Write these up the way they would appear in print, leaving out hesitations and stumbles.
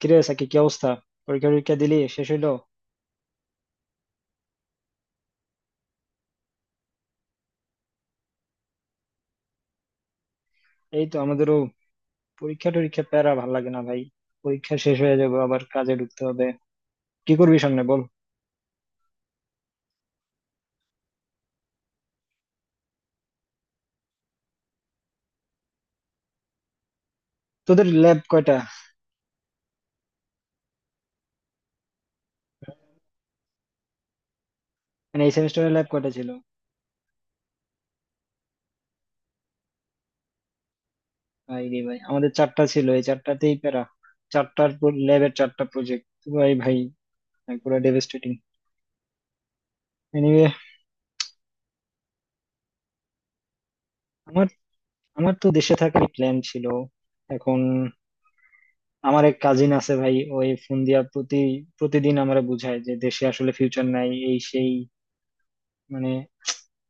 কিরে সাকি, কি অবস্থা? পরীক্ষা টরীক্ষা দিলি, শেষ হইলো? এই তো, আমাদেরও পরীক্ষা টরীক্ষা। প্যারা ভাল লাগে না ভাই। পরীক্ষা শেষ হয়ে যাবে, আবার কাজে ঢুকতে হবে। কি করবি সামনে বল। তোদের ল্যাব কয়টা? মানে এই সেমিস্টারের ল্যাব কয়টা ছিল? ভাই রে ভাই, আমাদের চারটা ছিল, এই চারটাতেই প্যারা। চারটার ল্যাবের চারটা প্রজেক্ট। ভাই ভাই ভাই, পুরো ডেভাস্টেটিং। এনিওয়ে। আমার আমার তো দেশে থাকার প্ল্যান ছিল। এখন আমার এক কাজিন আছে ভাই, ওই ফোন দিয়া প্রতিদিন আমারে বুঝায় যে দেশে আসলে ফিউচার নাই, এই সেই। মানে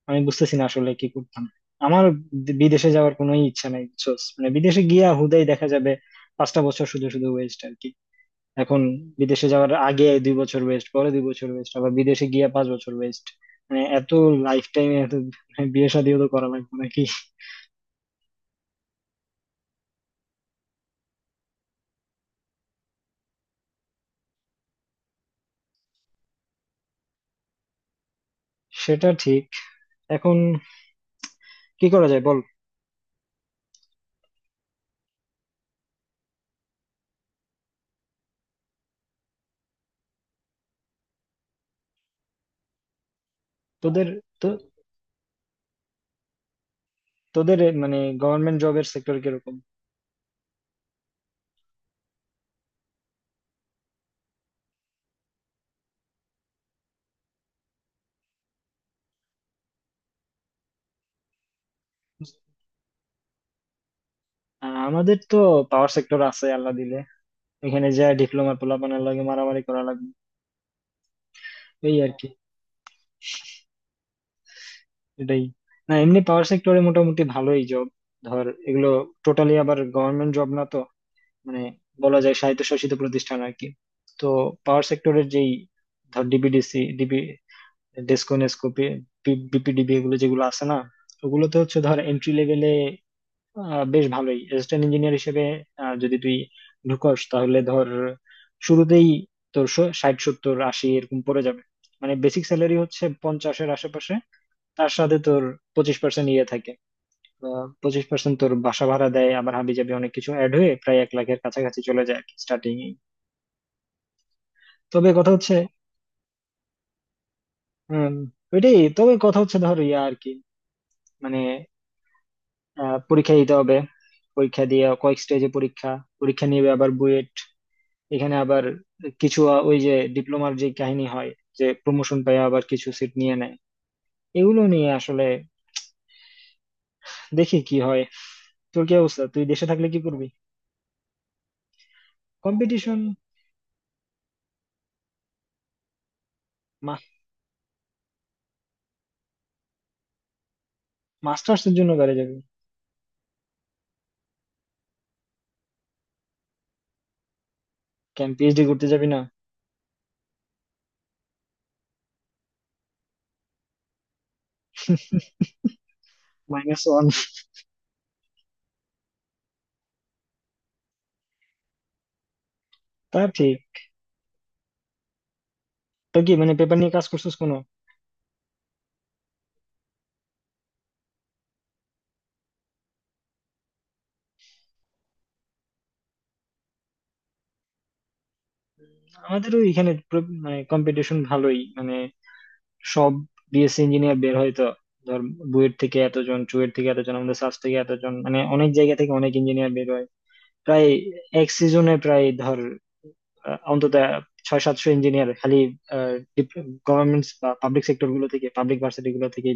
আমি বুঝতেছি না আসলে কি করতাম। আমার বিদেশে যাওয়ার কোনো ইচ্ছা নাই বুঝছোস, মানে বিদেশে গিয়া হুদাই দেখা যাবে 5টা বছর শুধু শুধু ওয়েস্ট আর কি। এখন বিদেশে যাওয়ার আগে 2 বছর ওয়েস্ট, পরে 2 বছর ওয়েস্ট, আবার বিদেশে গিয়া 5 বছর ওয়েস্ট। মানে এত, লাইফ টাইমে এত, মানে বিয়ে শাদিও তো করা লাগবে নাকি। সেটা ঠিক। এখন কি করা যায় বল। তোদের তো তোদের এ মানে গভর্নমেন্ট জবের সেক্টর কিরকম? আর আমাদের তো পাওয়ার সেক্টর আছে আল্লাহ দিলে। এখানে যা ডিপ্লোমা পোলাপানের লাগে, মারামারি করা লাগবে। এই আর কি। এটাই। না, এমনি পাওয়ার সেক্টরে মোটামুটি ভালোই জব। ধর এগুলো টোটালি আবার গভর্নমেন্ট জব না তো। মানে বলা যায় স্বায়ত্তশাসিত প্রতিষ্ঠান আর কি। তো পাওয়ার সেক্টরের যেই, ধর DBDC, DB, DESCO, NESCO, BPDB, এগুলো যেগুলো আছে না, ওগুলোতে হচ্ছে ধর এন্ট্রি লেভেলে বেশ ভালোই, অ্যাসিস্ট্যান্ট ইঞ্জিনিয়ার হিসেবে। যদি তুই ঢুকস তাহলে ধর শুরুতেই তোর 60 70 80 এরকম পড়ে যাবে। মানে বেসিক স্যালারি হচ্ছে পঞ্চাশের আশেপাশে, তার সাথে তোর 25% ইয়ে থাকে। 25% তোর বাসা ভাড়া দেয়, আবার হাবি জাবি অনেক কিছু অ্যাড হয়ে প্রায় 1 লাখের কাছাকাছি চলে যায় স্টার্টিং। তবে কথা হচ্ছে উম, ওইটাই। তবে কথা হচ্ছে ধর ইয়া আর কি। মানে পরীক্ষা দিতে হবে। পরীক্ষা দিয়ে, কয়েক স্টেজে পরীক্ষা পরীক্ষা নিবে, আবার বুয়েট এখানে আবার কিছু ওই যে ডিপ্লোমার যে কাহিনী হয়, যে প্রমোশন পায়, আবার কিছু সিট নিয়ে নেয়। এগুলো নিয়ে আসলে দেখি কি হয়। তোর কি অবস্থা, তুই দেশে থাকলে কি করবি? কম্পিটিশন। মাস্টার্স এর জন্য গাড়ি যাবি? কেন, পিএইচডি করতে যাবি না? Minus one. তা ঠিক। তো কি মানে, পেপার নিয়ে কাজ করছিস কোনো? আমাদেরও এখানে মানে কম্পিটিশন ভালোই, মানে সব বিএসসি ইঞ্জিনিয়ার বের হয় তো। ধর বুয়েট থেকে এতজন, চুয়েট থেকে এতজন, আমাদের সাস থেকে এতজন, মানে অনেক জায়গা থেকে অনেক ইঞ্জিনিয়ার বের হয়। প্রায় এক সিজনে প্রায় ধর অন্তত 6-700 ইঞ্জিনিয়ার খালি গভর্নমেন্ট বা পাবলিক সেক্টর গুলো থেকে, পাবলিক ভার্সিটি গুলো থেকে।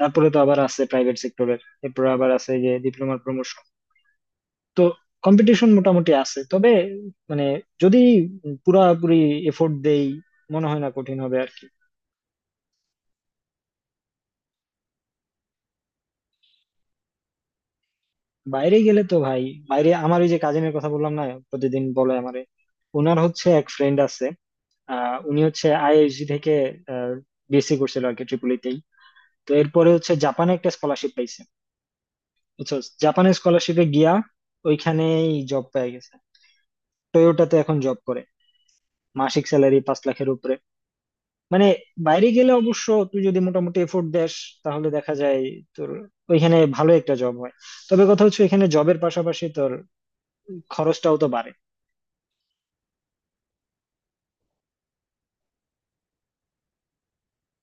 তারপরে তো আবার আছে প্রাইভেট সেক্টরের। এরপরে আবার আছে যে ডিপ্লোমার প্রমোশন। তো কম্পিটিশন মোটামুটি আছে, তবে মানে যদি পুরাপুরি এফোর্ট দেই, মনে হয় না কঠিন হবে আর কি। বাইরে গেলে তো ভাই, বাইরে আমার ওই যে কাজিনের কথা বললাম না, প্রতিদিন বলে আমারে, ওনার হচ্ছে এক ফ্রেন্ড আছে। উনি হচ্ছে আইএসজি থেকে বিএসসি করছিল আর কি, ট্রিপুলিতেই। তো এরপরে হচ্ছে জাপানে একটা স্কলারশিপ পাইছে, বুঝছো। জাপানের স্কলারশিপে গিয়া ওইখানেই জব পেয়ে গেছে। টয়োটাতে এখন জব করে, মাসিক স্যালারি 5 লাখের উপরে। মানে বাইরে গেলে অবশ্য, তুই যদি মোটামুটি এফোর্ট দেস তাহলে দেখা যায় তোর ওইখানে ভালো একটা জব হয়। তবে কথা হচ্ছে এখানে জবের পাশাপাশি তোর খরচটাও তো বাড়ে।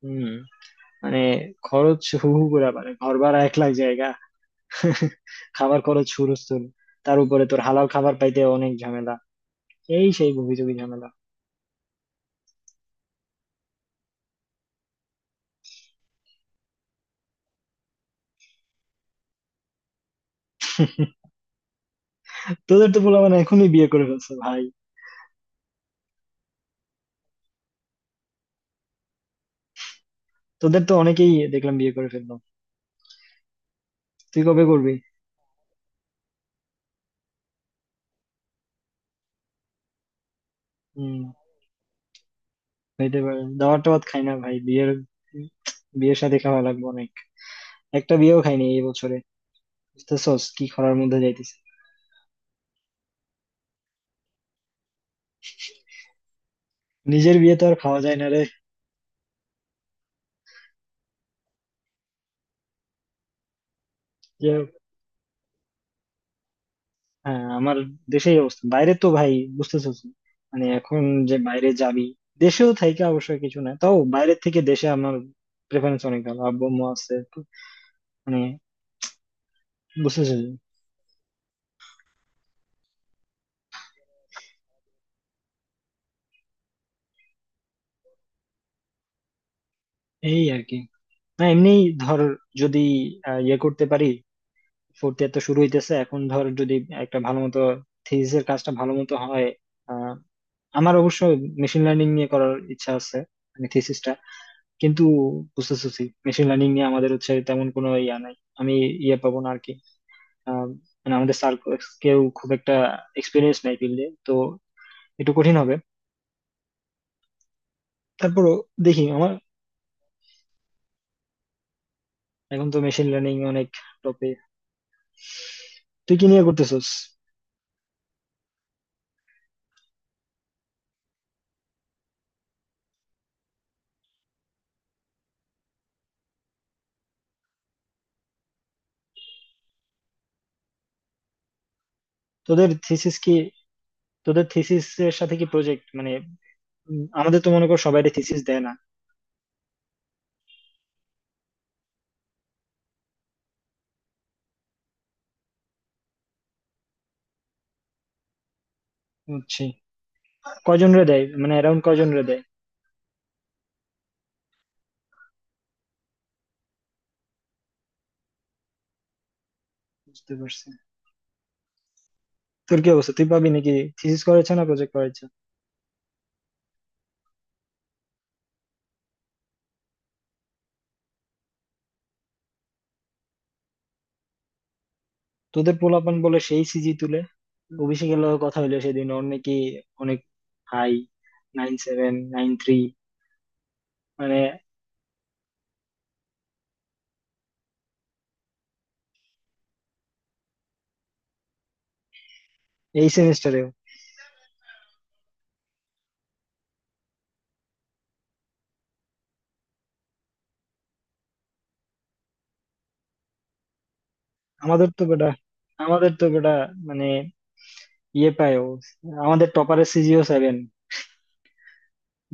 হুম। মানে খরচ হু হু করে বাড়ে, ঘর ভাড়া 1 লাখ জায়গা। খাবার খরচ হুরস্থুল। তার উপরে তোর হালাল খাবার পাইতে অনেক ঝামেলা, এই সেই গুবিজুবি ঝামেলা। তোদের তো পোলাপান এখনই বিয়ে করে ফেলছে ভাই। তোদের তো অনেকেই দেখলাম বিয়ে করে ফেললো। তুই কবে করবি? হম। খাইতে পারে, দাবার টাবার খাই না ভাই, বিয়ের বিয়ের সাথে খাওয়া লাগবে অনেক। একটা বিয়েও খাইনি এই বছরে। বুঝতেছস কি খরার মধ্যে যাইতেছি। নিজের বিয়ে তো আর খাওয়া যায় না রে। যে, হ্যাঁ আমার দেশেই অবস্থা, বাইরে তো ভাই, বুঝতেছস, মানে এখন যে বাইরে যাবি, দেশেও থাইকে অবশ্যই কিছু না, তাও বাইরের থেকে দেশে আমার প্রেফারেন্স অনেক ভালো। আব্বু আম্মু আছে তো, মানে বুঝতেছস। এই আর কি। না, এমনি ধর, যদি ইয়ে করতে পারি। ফোর্থ ইয়ার তো শুরু হইতেছে, এখন ধর যদি একটা ভালো মতো থিসিসের কাজটা ভালো মতো হয়। আহ, আমার অবশ্য মেশিন লার্নিং নিয়ে করার ইচ্ছা আছে, মানে থিসিসটা। কিন্তু বুঝতেছি মেশিন লার্নিং নিয়ে আমাদের হচ্ছে তেমন কোনো ইয়া নাই। আমি ইয়ে পাবো না আর কি। আহ, মানে আমাদের স্যার কেউ খুব একটা এক্সপিরিয়েন্স নাই ফিল্ডে তো, একটু কঠিন হবে। তারপরও দেখি আমার। এখন তো মেশিন লার্নিং অনেক টপে। তুই কি নিয়ে করতেছিস? তোদের থিসিস কি? তোদের থিসিস এর সাথে কি প্রজেক্ট মানে? আমাদের তো মনে করো সবাই থিসিস দেয় না। বুঝছি। কজন রে দেয় মানে, অ্যারাউন্ড কজন রে দেয়? বুঝতে পারছি। তোর কি অবস্থা, তুই পাবি নাকি, থিসিস করেছে না প্রজেক্ট করেছে? তোদের পোলাপান বলে সেই সিজি তুলে। অভিষেকের লগে কথা হইলো সেদিন, ওর নাকি অনেক হাই, 9.793, মানে এই সেমিস্টারেও। আমাদের তো বেটা আমাদের তো বেটা মানে ইয়ে পায় ও, আমাদের টপারের সিজিও 7,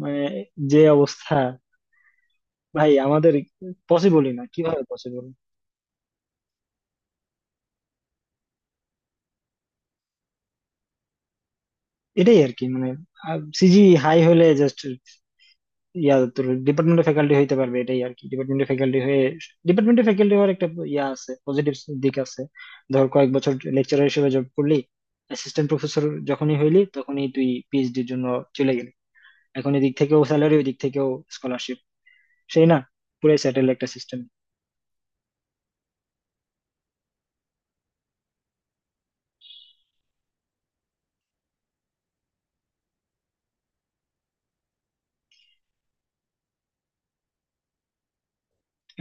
মানে যে অবস্থা। ভাই আমাদের পসিবলই না, কিভাবে পসিবল। এটাই আর কি, মানে সিজি হাই হলে জাস্ট ইয়া, তোর ডিপার্টমেন্টের ফ্যাকাল্টি হইতে পারবে, এটাই আর কি। ডিপার্টমেন্টের ফ্যাকাল্টি হয়ে, ডিপার্টমেন্টের ফ্যাকাল্টি হওয়ার একটা ইয়া আছে, পজিটিভ দিক আছে। ধর কয়েক বছর লেকচারার হিসেবে জব করলি, অ্যাসিস্ট্যান্ট প্রফেসর যখনই হইলি তখনই তুই পিএইচডির জন্য চলে গেলি। এখন এদিক থেকেও স্যালারি, ওই দিক থেকেও স্কলারশিপ, সেই না, পুরাই স্যাটেল একটা সিস্টেম।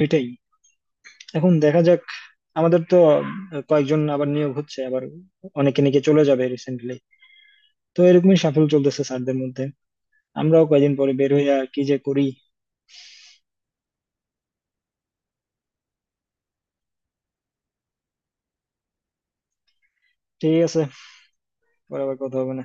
এটাই। এখন দেখা যাক, আমাদের তো কয়েকজন আবার নিয়োগ হচ্ছে, আবার অনেকে নাকি চলে যাবে রিসেন্টলি। তো এরকমই সাফল্য চলতেছে স্যারদের মধ্যে। আমরাও কয়দিন পরে বের হইয়া কি যে করি। ঠিক আছে, পরে আবার কথা হবে না।